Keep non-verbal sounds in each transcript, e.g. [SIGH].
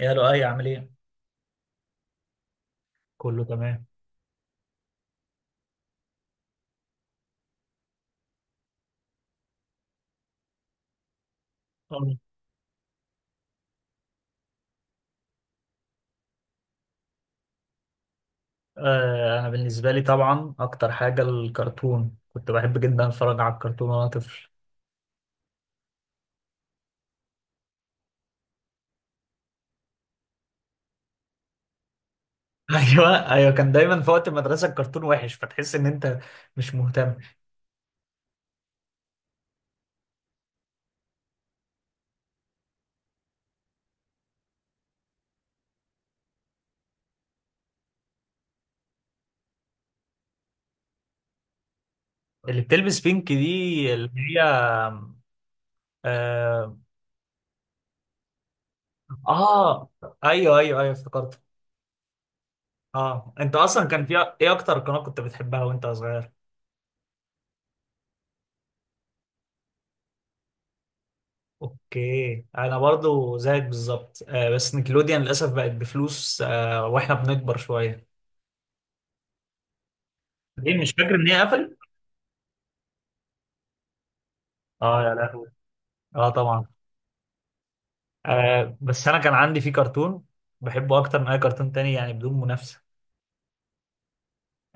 يا لؤي، عامل ايه؟ كله تمام. أه. آه، انا بالنسبه لي طبعا اكتر حاجه الكرتون، كنت بحب جدا اتفرج على الكرتون وانا طفل. [LAUGHS] ايوه ايوه، كان دايما في وقت المدرسه الكرتون وحش فتحس ان انت مش مهتم. اللي بتلبس بينك دي اللي هي اه, آه. ايوه ايوه ايوه، افتكرت. اه، انت اصلا كان في ايه اكتر قناه كنت بتحبها وانت صغير؟ اوكي، انا برضو زيك بالظبط. بس نيكلوديان للاسف بقت بفلوس، واحنا بنكبر شويه. ليه مش فاكر ان هي قفلت. اه يا لهوي، اه طبعا. بس انا كان عندي فيه كرتون بحبه اكتر من اي كرتون تاني، يعني بدون منافسه.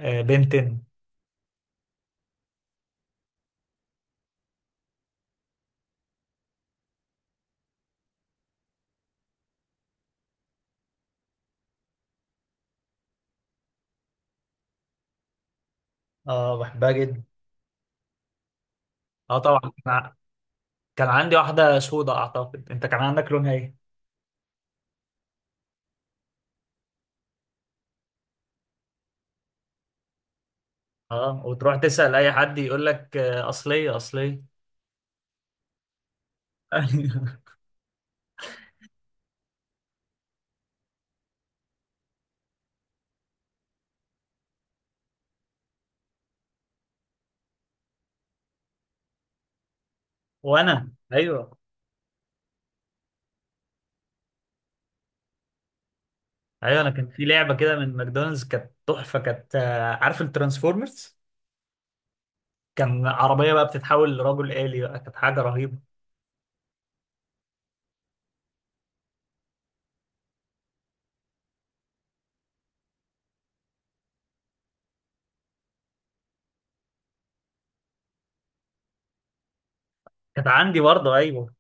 آه، بنتن. اه، بحبها جدا. اه طبعا، كان عندي واحده سودا. اعتقد انت كان عندك لونها ايه؟ اه، وتروح تسال اي حد يقول لك آه، اصليه اصليه. [LAUGHS] وانا ايوه. ايوه، انا كان في لعبه كده من ماكدونالدز كانت تحفه، كانت عارف الترانسفورمرز، كان عربيه بقى بتتحول لرجل آلي بقى، كانت حاجه رهيبه. كانت عندي برضه، ايوه.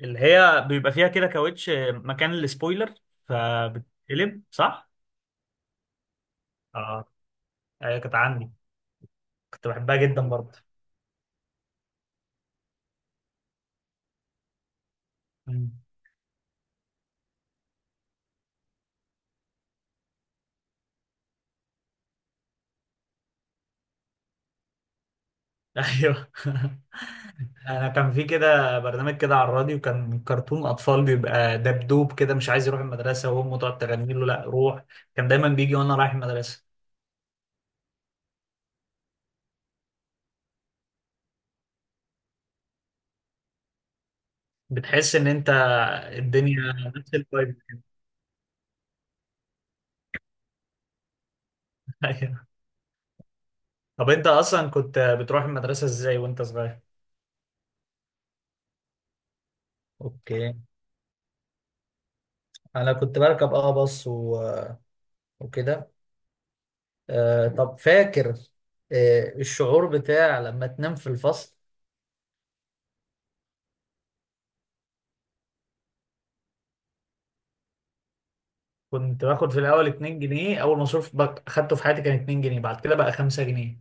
اللي هي بيبقى فيها كده كاوتش مكان السبويلر، فبتتقلب، صح؟ اه ايوه، كانت عندي، كنت بحبها جدا برضه. مم. [LAUGHS] ايوه، انا كان في كده برنامج كده على الراديو، كان كرتون اطفال بيبقى دبدوب كده مش عايز يروح المدرسه وامه تقعد تغني له لا روح. كان دايما بيجي وانا رايح المدرسه. بتحس ان انت الدنيا نفس الفايب. ايوه. طب انت اصلا كنت بتروح المدرسه ازاي وانت صغير؟ اوكي، انا كنت بركب باص و... وكده. طب فاكر الشعور بتاع لما تنام في الفصل. كنت باخد في الاول 2 جنيه. اول مصروف خدته في حياتي كان 2 جنيه، بعد كده بقى 5 جنيه.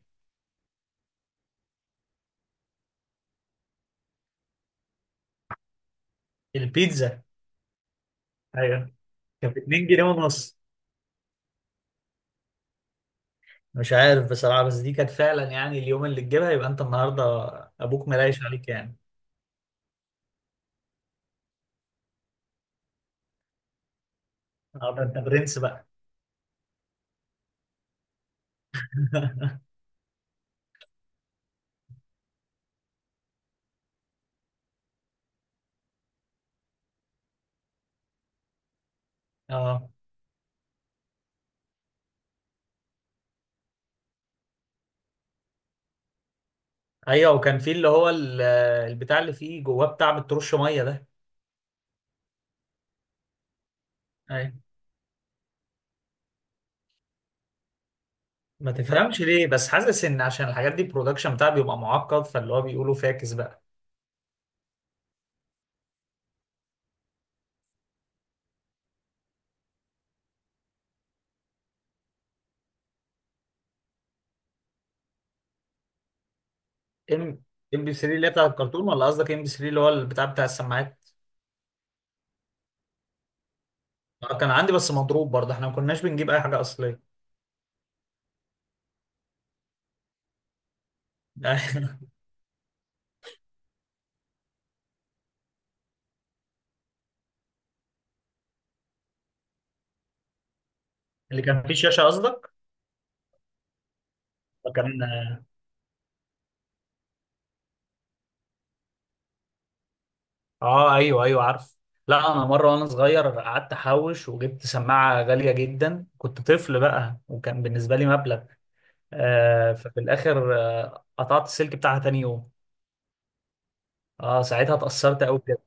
البيتزا. ايوه، كانت 2 جنيه ونص. مش عارف بصراحة، بس دي كانت فعلا يعني اليوم اللي تجيبها يبقى انت النهارده ابوك ملايش عليك يعني. النهارده انت برنس. [LAUGHS] اه ايوه، وكان في اللي هو البتاع اللي فيه جواه بتاع بترش ميه ده. ايوه، ما تفهمش ليه بس حاسس ان عشان الحاجات دي البرودكشن بتاعها بيبقى معقد، فاللي هو بيقولوا فاكس بقى. ام ام بي 3 اللي هي بتاع الكرتون ولا قصدك ام بي 3 اللي هو البتاع بتاع السماعات؟ آه، كان عندي بس مضروب برضه، احنا ما كناش بنجيب اي حاجه اصليه. [LAUGHS] اللي كان فيه شاشه قصدك كان. اه، ايوه ايوه عارف. لا، انا مره وانا صغير قعدت احوش وجبت سماعه غاليه جدا، كنت طفل بقى وكان بالنسبه لي مبلغ. ففي الاخر قطعت السلك بتاعها تاني يوم. اه، ساعتها اتأثرت قوي بجد.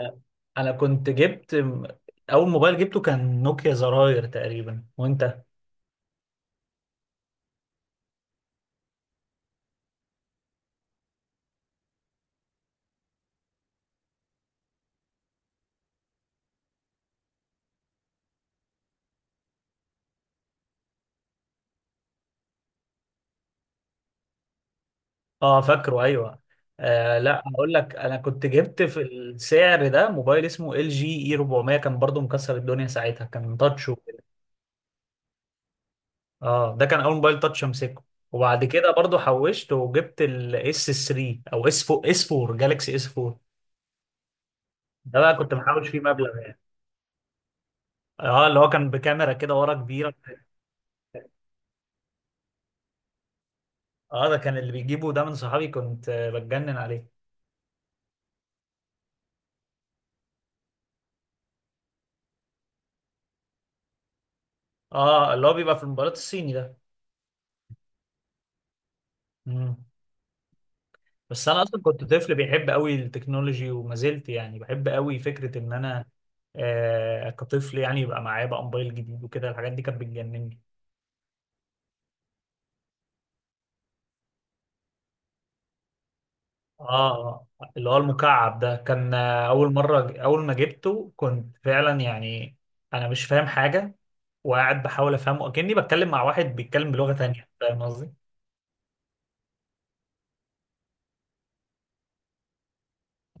آه، انا كنت اول موبايل جبته كان نوكيا زراير تقريبا، وانت؟ اه فاكره، ايوه. لا، هقول لك، انا كنت جبت في السعر ده موبايل اسمه ال جي اي 400، كان برضو مكسر الدنيا ساعتها، كان تاتش وكده. اه، ده كان اول موبايل تاتش امسكه. وبعد كده برضو حوشت وجبت الاس 3 او اس 4، اس 4 جالكسي اس 4. ده بقى كنت محوش فيه مبلغ. اه، اللي هو كان بكاميرا كده ورا كبيرة. اه، ده كان اللي بيجيبه ده من صحابي، كنت بتجنن عليه. اه، اللي هو بيبقى في الموبايلات الصيني ده. مم. بس انا اصلا كنت طفل بيحب قوي التكنولوجي، وما زلت يعني بحب قوي فكرة ان انا كطفل يعني يبقى معايا بقى موبايل جديد وكده، الحاجات دي كانت بتجنني. اه، اللي هو المكعب ده كان اول مرة اول ما جبته كنت فعلا يعني انا مش فاهم حاجة، وقاعد بحاول افهمه اكني بتكلم مع واحد بيتكلم بلغة تانية، فاهم قصدي؟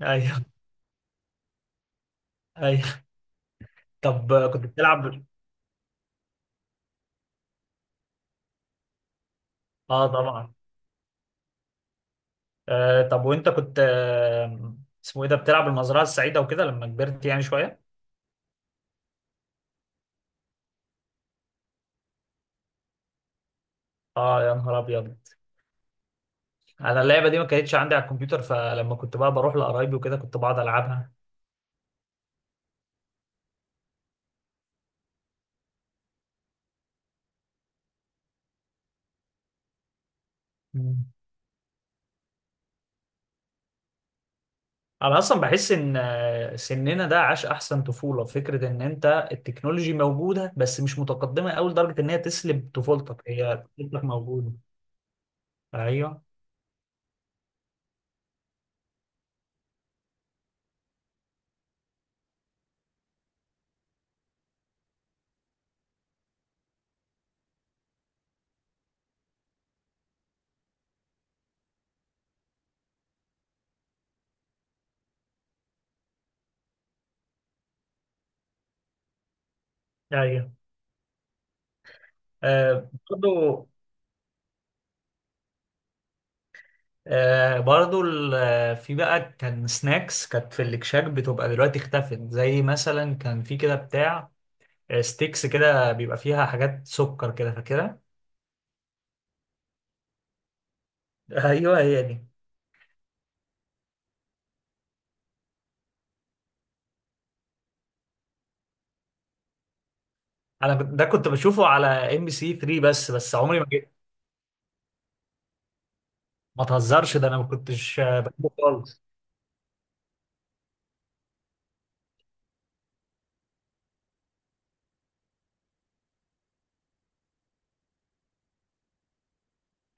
ايوه ايوه، طب كنت بتلعب. اه طبعا. طب وانت كنت اسمه ايه ده، بتلعب المزرعه السعيده وكده لما كبرت يعني شويه. اه يا نهار ابيض، انا اللعبه دي ما كانتش عندي على الكمبيوتر، فلما كنت بقى بروح لقرايبي وكده كنت بقعد العبها. مم. انا اصلا بحس ان سننا ده عاش احسن طفوله، فكره ان انت التكنولوجي موجوده بس مش متقدمه قوي لدرجه ان هي تسلب طفولتك، هي طفولتك موجوده. ايوه. ايوه، آه برضو، آه برضو. في بقى كان سناكس كانت في الاكشاك بتبقى دلوقتي اختفت. زي مثلا كان في كده بتاع ستيكس كده بيبقى فيها حاجات سكر كده، فاكرها. [LAUGHS] ايوه، هي دي. ده كنت بشوفه على ام بي سي 3 بس عمري ما جيت. ما تهزرش، ده انا ما كنتش بحبه خالص.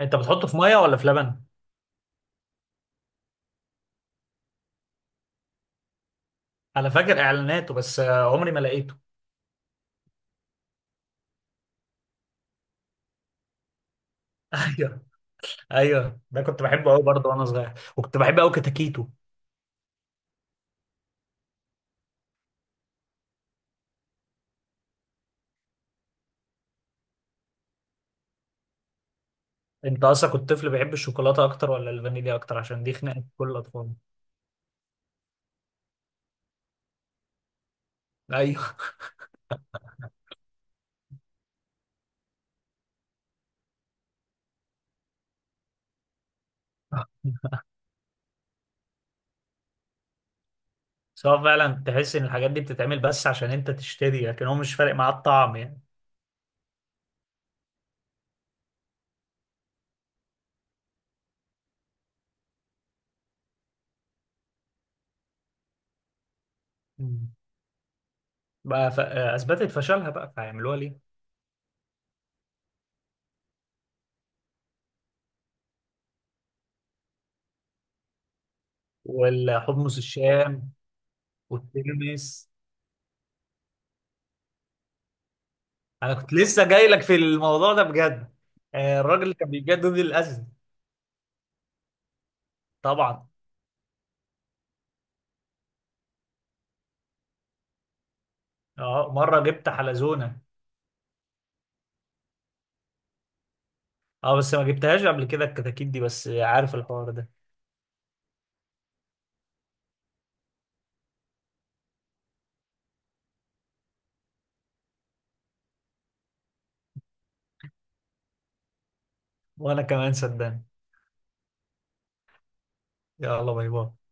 انت بتحطه في ميه ولا في لبن؟ انا فاكر اعلاناته، بس عمري ما لقيته. [LAUGHS] ايوه ايوه، ده كنت بحبه قوي برضه وانا صغير، وكنت بحب قوي كتاكيتو. انت اصلا كنت طفل بيحب الشوكولاته اكتر ولا الفانيليا اكتر؟ عشان دي خناقه كل الاطفال. ايوه. [LAUGHS] سواء فعلا تحس ان الحاجات دي بتتعمل بس عشان انت تشتري، لكن هو مش فارق معاه الطعم يعني. مم. بقى اثبتت فشلها بقى، فهيعملوها ليه؟ والحمص الشام والترمس. انا كنت لسه جاي لك في الموضوع ده بجد. الراجل اللي كان بيجدد الاذن. طبعا. اه، مره جبت حلزونه. اه، بس ما جبتهاش قبل كده الكتاكيت دي، بس عارف الحوار ده. وانا كمان صدقني. يلا، باي باي.